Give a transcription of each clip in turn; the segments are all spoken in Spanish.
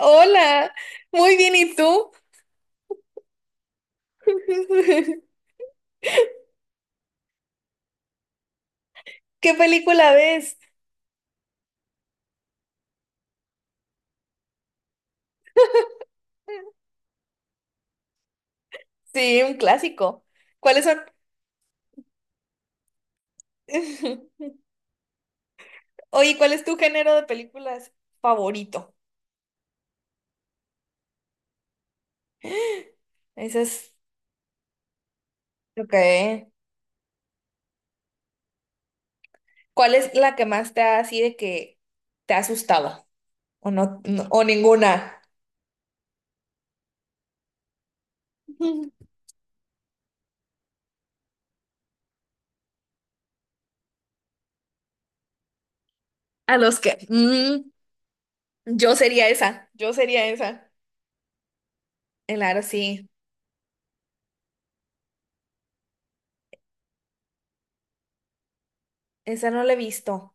Hola, muy bien, ¿y tú? ¿Qué película ves? Sí, un clásico. ¿Cuáles son? Oye, ¿cuál es tu género de películas favorito? Ese es... Ok. ¿Cuál es la que más te ha así de que te ha asustado? ¿O o ninguna? A los que... yo sería esa, yo sería esa. Claro, sí, esa no la he visto.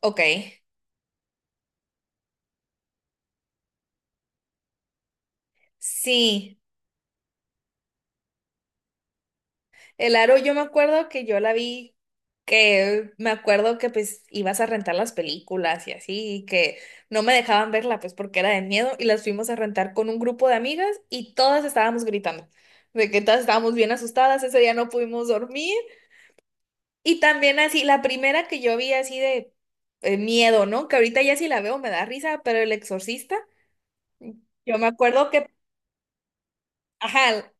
Ok, sí. El Aro, yo me acuerdo que yo la vi, que me acuerdo que pues ibas a rentar las películas y así, y que no me dejaban verla pues porque era de miedo y las fuimos a rentar con un grupo de amigas y todas estábamos gritando, de que todas estábamos bien asustadas, ese día no pudimos dormir y también así, la primera que yo vi así de miedo, ¿no? Que ahorita ya si la veo me da risa, pero El Exorcista, yo me acuerdo que, ajá,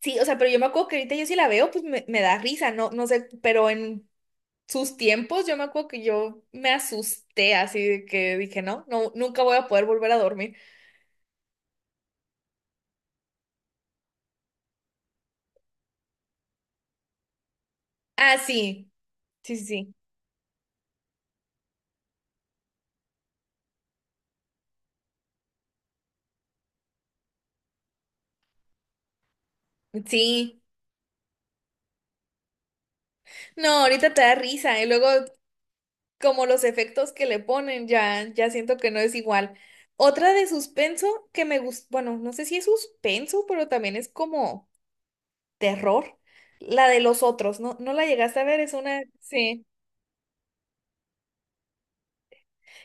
sí, o sea, pero yo me acuerdo que ahorita yo si la veo, pues me da risa, no, no sé, pero en sus tiempos, yo me acuerdo que yo me asusté así de que dije, no, no, nunca voy a poder volver a dormir. Ah, sí, sí, sí, sí. Sí. No, ahorita te da risa y luego como los efectos que le ponen, ya, ya siento que no es igual. Otra de suspenso que me gusta, bueno, no sé si es suspenso, pero también es como terror. La de los otros, ¿no? ¿No la llegaste a ver? Es una, sí,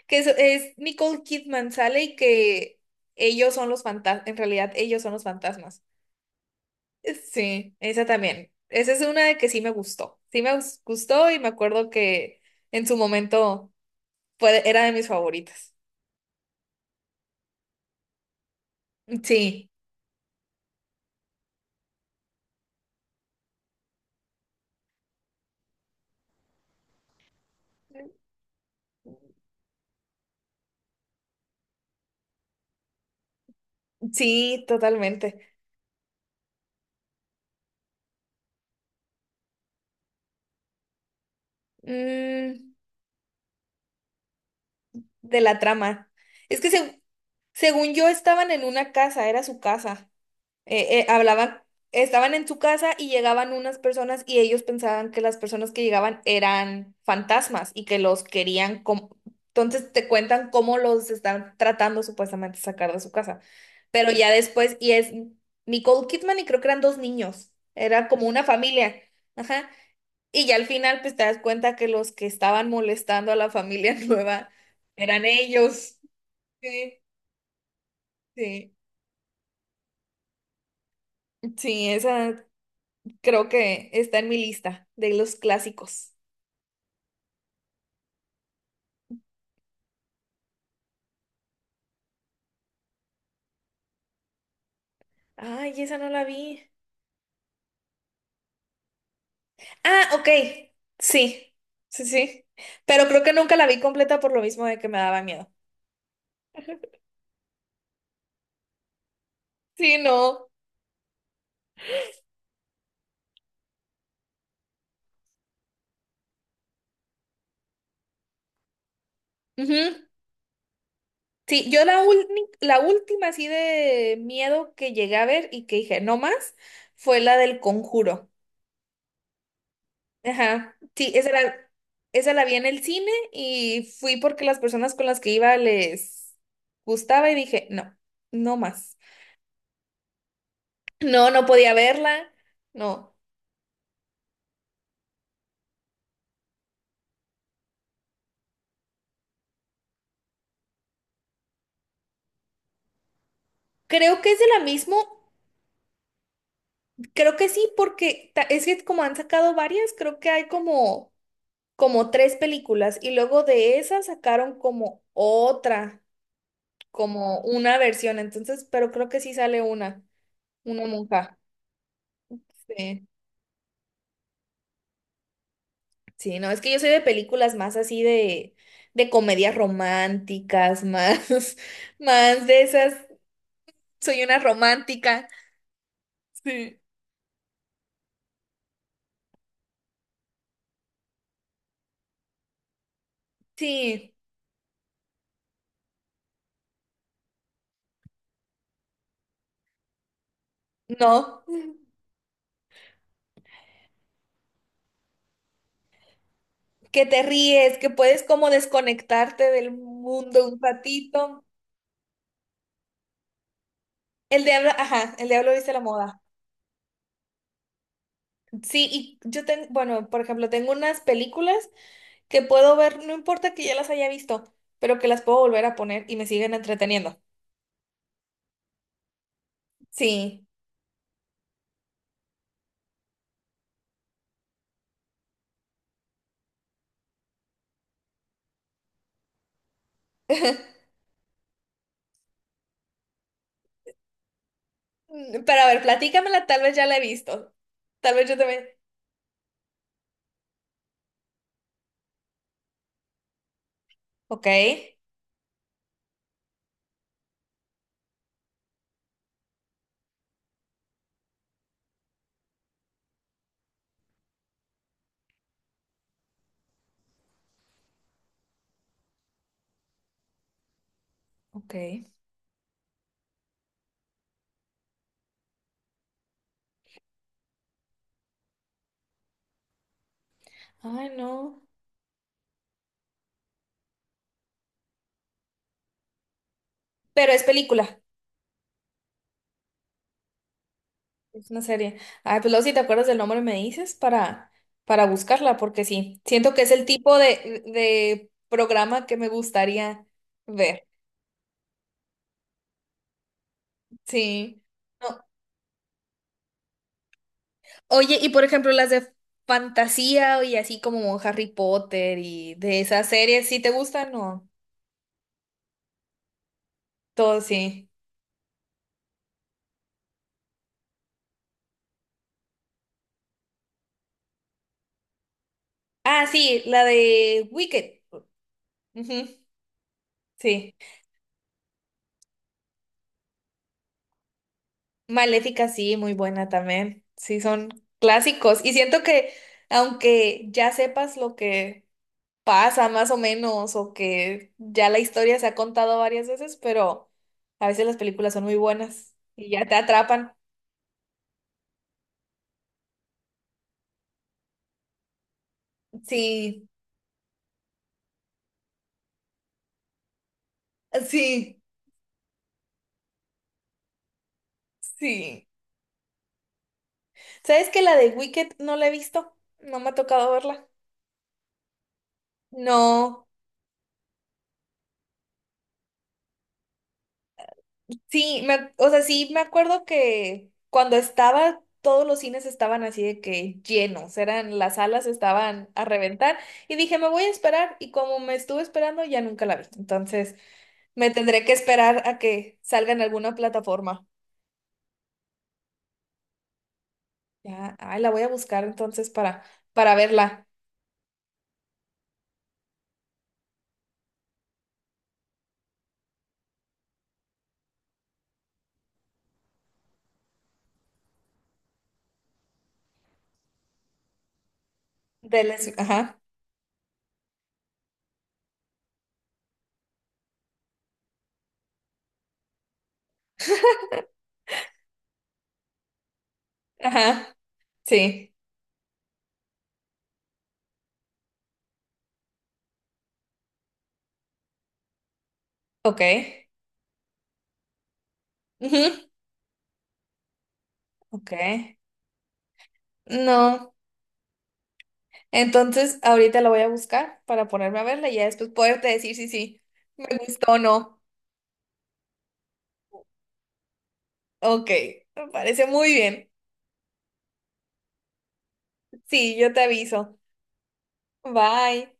que es Nicole Kidman sale y que ellos son los fantasmas, en realidad ellos son los fantasmas. Sí, esa también. Esa es una de que sí me gustó. Sí me gustó y me acuerdo que en su momento fue, era de mis favoritas. Sí, sí, totalmente. Mm, de la trama. Es que según yo estaban en una casa, era su casa. Hablaban, estaban en su casa y llegaban unas personas y ellos pensaban que las personas que llegaban eran fantasmas y que los querían, entonces te cuentan cómo los están tratando supuestamente de sacar de su casa. Pero ya después, y es Nicole Kidman y creo que eran dos niños, era como una familia, ajá. Y ya al final pues te das cuenta que los que estaban molestando a la familia nueva eran ellos. Sí, sí. Sí, esa creo que está en mi lista de los clásicos. Ay, esa no la vi. Ah, ok. Sí, sí, sí. Pero creo que nunca la vi completa por lo mismo de que me daba miedo. Sí, no. Ujú. Sí, la última así de miedo que llegué a ver y que dije, no más, fue la del Conjuro. Ajá. Sí, esa la vi en el cine y fui porque las personas con las que iba les gustaba y dije, no, no más. No, no podía verla. No. Creo que es de la misma. Creo que sí, porque es que como han sacado varias, creo que hay como, como tres películas y luego de esas sacaron como otra, como una versión. Entonces, pero creo que sí sale una monja. Sí. Sí, no, es que yo soy de películas más así de comedias románticas, más, más de esas. Soy una romántica. Sí. Sí, no, que te ríes, que puedes como desconectarte del mundo un ratito. El diablo, ajá, el diablo dice la moda. Sí, y yo tengo, bueno, por ejemplo, tengo unas películas que puedo ver, no importa que ya las haya visto, pero que las puedo volver a poner y me siguen entreteniendo. Sí. Mm, pero a ver, platícamela, tal vez ya la he visto. Tal vez yo también. Ok, ok. Ay, no. Pero es película. Es una serie. Ay, pues luego si te acuerdas del nombre me dices para buscarla, porque sí, siento que es el tipo de programa que me gustaría ver. Sí. No. Oye, y por ejemplo, las de fantasía y así como Harry Potter y de esas series, ¿sí te gustan o? Todo sí. Ah, sí, la de Wicked. Ujú, sí. Maléfica, sí, muy buena también. Sí, son clásicos. Y siento que aunque ya sepas lo que pasa más o menos o que ya la historia se ha contado varias veces, pero a veces las películas son muy buenas y ya te atrapan. Sí, sí, sí. ¿Sabes que la de Wicked no la he visto? No me ha tocado verla. No, sí, o sea, sí me acuerdo que cuando estaba, todos los cines estaban así de que llenos, eran las salas estaban a reventar y dije, me voy a esperar y como me estuve esperando ya nunca la vi. Entonces... Me tendré que esperar a que salga en alguna plataforma. Ya, ay, la voy a buscar entonces para verla. Ajá, ajá, sí, ok. Ujú, ok. No, entonces ahorita la voy a buscar para ponerme a verla y ya después poderte decir si sí, me gustó o no. Ok, me parece muy bien. Sí, yo te aviso. Bye.